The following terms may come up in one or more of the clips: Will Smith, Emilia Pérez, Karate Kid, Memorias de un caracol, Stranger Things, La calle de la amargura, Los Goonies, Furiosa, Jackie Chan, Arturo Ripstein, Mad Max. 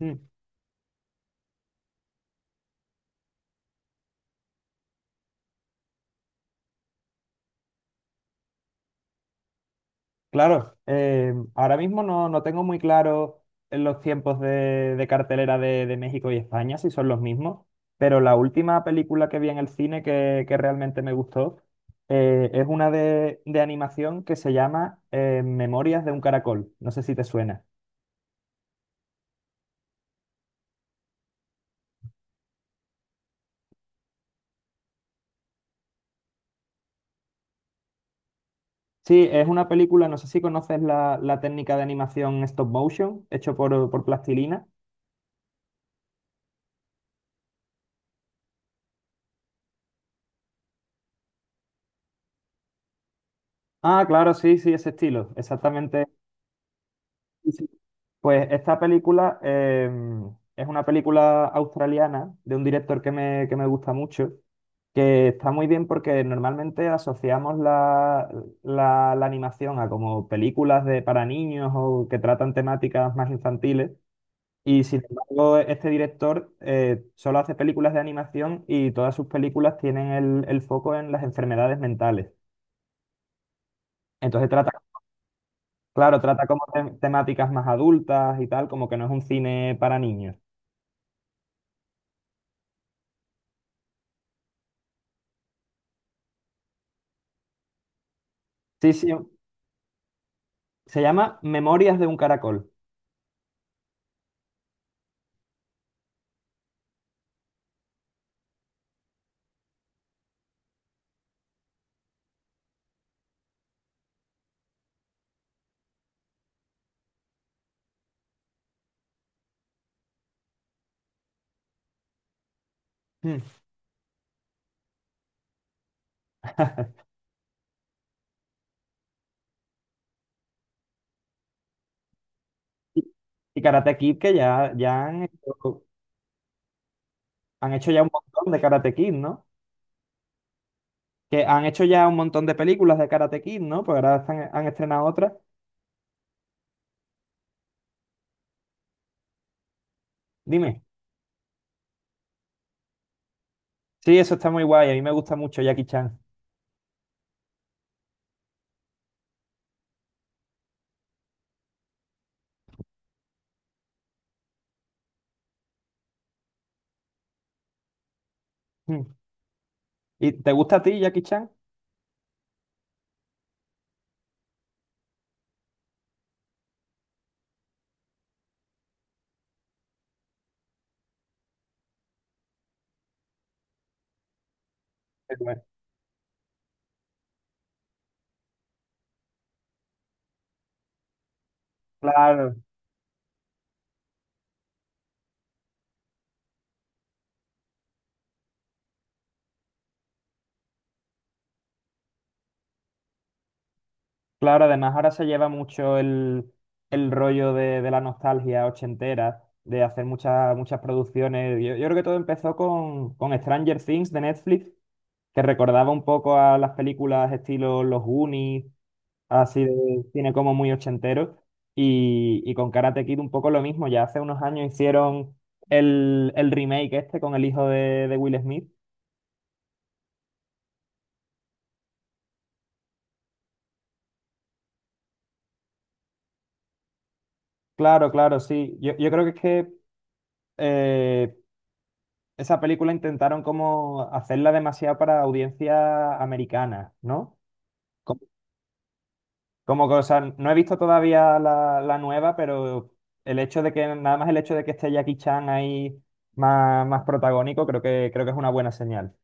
Mm. Claro, ahora mismo no tengo muy claro en los tiempos de cartelera de México y España, si son los mismos, pero la última película que vi en el cine que realmente me gustó es una de animación que se llama Memorias de un caracol, no sé si te suena. Sí, es una película, no sé si conoces la técnica de animación stop motion, hecho por plastilina. Ah, claro, sí, sí, ese estilo, exactamente. Sí, sí. Pues esta película es una película australiana de un director que me gusta mucho, que está muy bien porque normalmente asociamos la animación a como películas de, para niños o que tratan temáticas más infantiles. Y sin embargo, este director solo hace películas de animación y todas sus películas tienen el foco en las enfermedades mentales. Entonces trata, claro, trata como temáticas más adultas y tal, como que no es un cine para niños. Sí, sí, se llama Memorias de un caracol. Mm. Y y Karate Kid, ya han hecho ya un montón de Karate Kid, ¿no? Que han hecho ya un montón de películas de Karate Kid, ¿no? Pues ahora han estrenado otras. Dime. Sí, eso está muy guay. A mí me gusta mucho Jackie Chan. Mm. ¿Y te gusta a ti Jackie Chan? Bueno, claro, claro. Además, ahora se lleva mucho el rollo de la nostalgia ochentera, de hacer muchas, muchas producciones. Yo creo que todo empezó con Stranger Things de Netflix que recordaba un poco a las películas estilo Los Goonies, así de cine como muy ochentero, y con Karate Kid un poco lo mismo. Ya hace unos años hicieron el remake este con el hijo de Will Smith. Claro, claro, sí. Yo creo que es que eh, esa película intentaron como hacerla demasiado para audiencia americana, ¿no? Como que, o sea, no he visto todavía la nueva, pero el hecho de que, nada más el hecho de que esté Jackie Chan ahí más, más protagónico, creo creo que es una buena señal.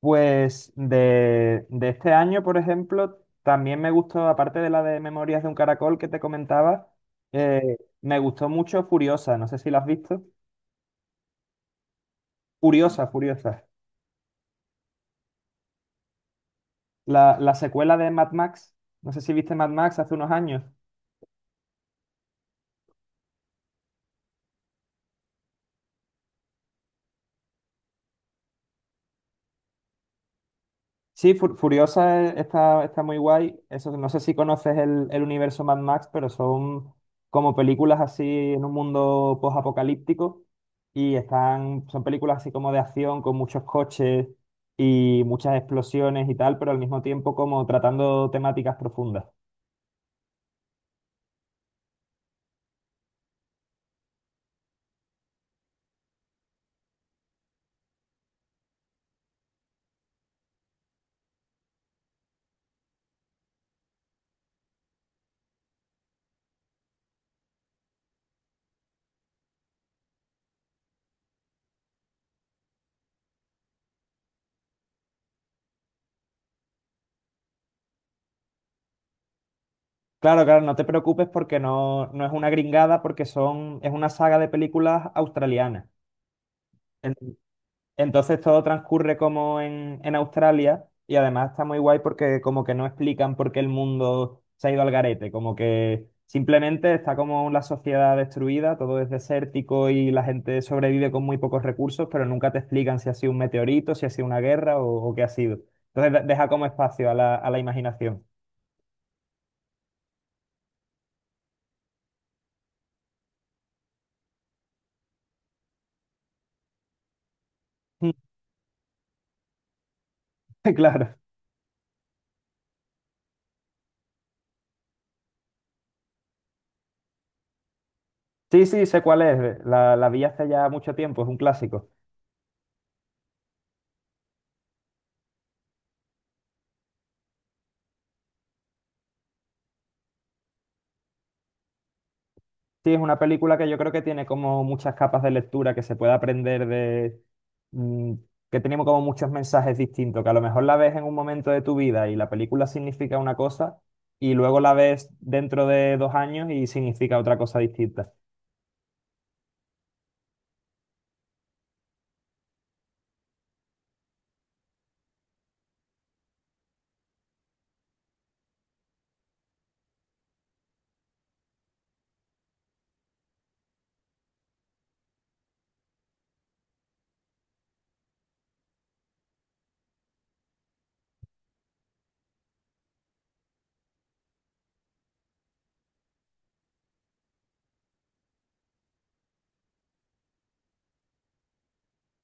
Pues de este año, por ejemplo, también me gustó, aparte de la de Memorias de un Caracol que te comentaba, me gustó mucho Furiosa, no sé si la has visto. Furiosa, Furiosa. La secuela de Mad Max, no sé si viste Mad Max hace unos años. Sí, Furiosa, está, está muy guay. Eso, no sé si conoces el universo Mad Max, pero son como películas así en un mundo post-apocalíptico y están, son películas así como de acción con muchos coches y muchas explosiones y tal, pero al mismo tiempo como tratando temáticas profundas. Claro, claro, no te preocupes porque no, no es una gringada, porque son, es una saga de películas australianas. Entonces todo transcurre como en Australia y además está muy guay porque como que no explican por qué el mundo se ha ido al garete, como que simplemente está como la sociedad destruida, todo es desértico y la gente sobrevive con muy pocos recursos, pero nunca te explican si ha sido un meteorito, si ha sido una guerra o qué ha sido. Entonces deja como espacio a a la imaginación. Claro. Sí, sí, sé cuál es. La vi hace ya mucho tiempo, es un clásico. Sí, es una película que yo creo que tiene como muchas capas de lectura que se puede aprender de... mm, que tenemos como muchos mensajes distintos, que a lo mejor la ves en un momento de tu vida y la película significa una cosa y luego la ves dentro de dos años y significa otra cosa distinta.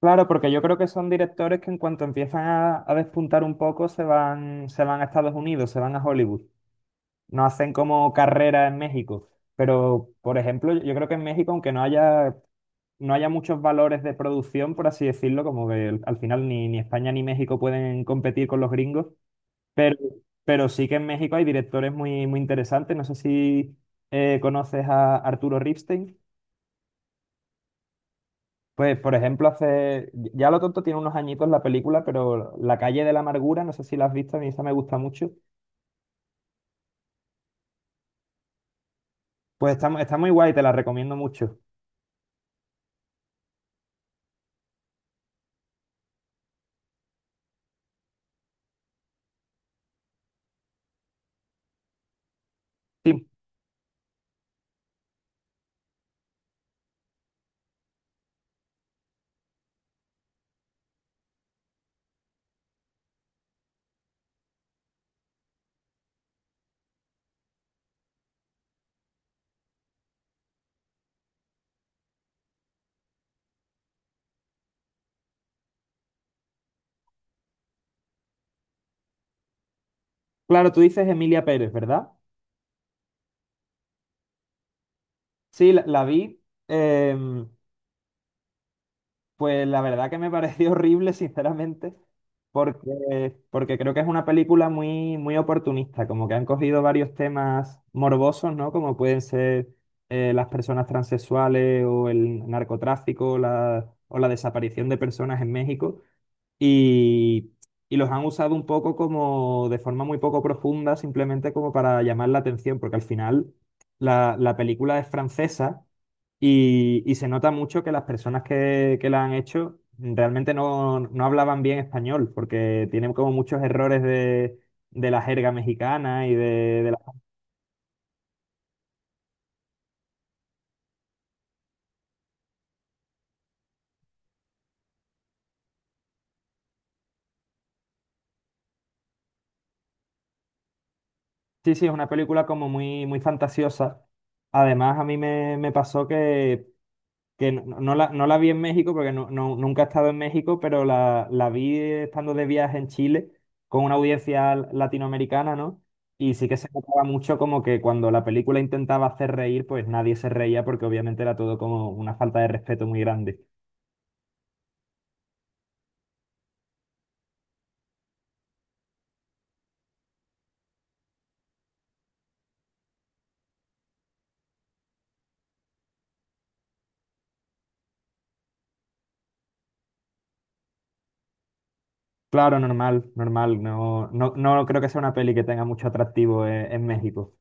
Claro, porque yo creo que son directores que en cuanto empiezan a despuntar un poco se van a Estados Unidos, se van a Hollywood. No hacen como carrera en México. Pero, por ejemplo, yo creo que en México, aunque no haya muchos valores de producción, por así decirlo, como que al final ni, ni España ni México pueden competir con los gringos, pero, pero sí que en México hay directores muy, muy interesantes. No sé si conoces a Arturo Ripstein. Pues, por ejemplo, hace, ya lo tonto tiene unos añitos la película, pero La calle de la amargura, no sé si la has visto, a mí esa me gusta mucho. Pues está, está muy guay, te la recomiendo mucho. Sí, claro, tú dices Emilia Pérez, ¿verdad? Sí, la vi. em, Pues la verdad que me pareció horrible, sinceramente, porque, porque creo que es una película muy, muy oportunista, como que han cogido varios temas morbosos, ¿no? Como pueden ser las personas transexuales o el narcotráfico la, o la desaparición de personas en México y, y los han usado un poco como de forma muy poco profunda, simplemente como para llamar la atención, porque al final la película es francesa y se nota mucho que las personas que la han hecho realmente no, no hablaban bien español, porque tienen como muchos errores de la jerga mexicana y de la... Sí, sí, es una película como muy, muy fantasiosa. Además, a mí me pasó que no no la vi en México porque no, nunca he estado en México, pero la vi estando de viaje en Chile con una audiencia latinoamericana, ¿no? Y sí que se notaba mucho como que cuando la película intentaba hacer reír, pues nadie se reía porque obviamente era todo como una falta de respeto muy grande. Claro, normal, normal. No, no, no creo que sea una peli que tenga mucho atractivo en México.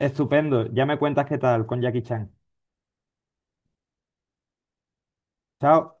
Estupendo. Ya me cuentas qué tal con Jackie Chan. Chao.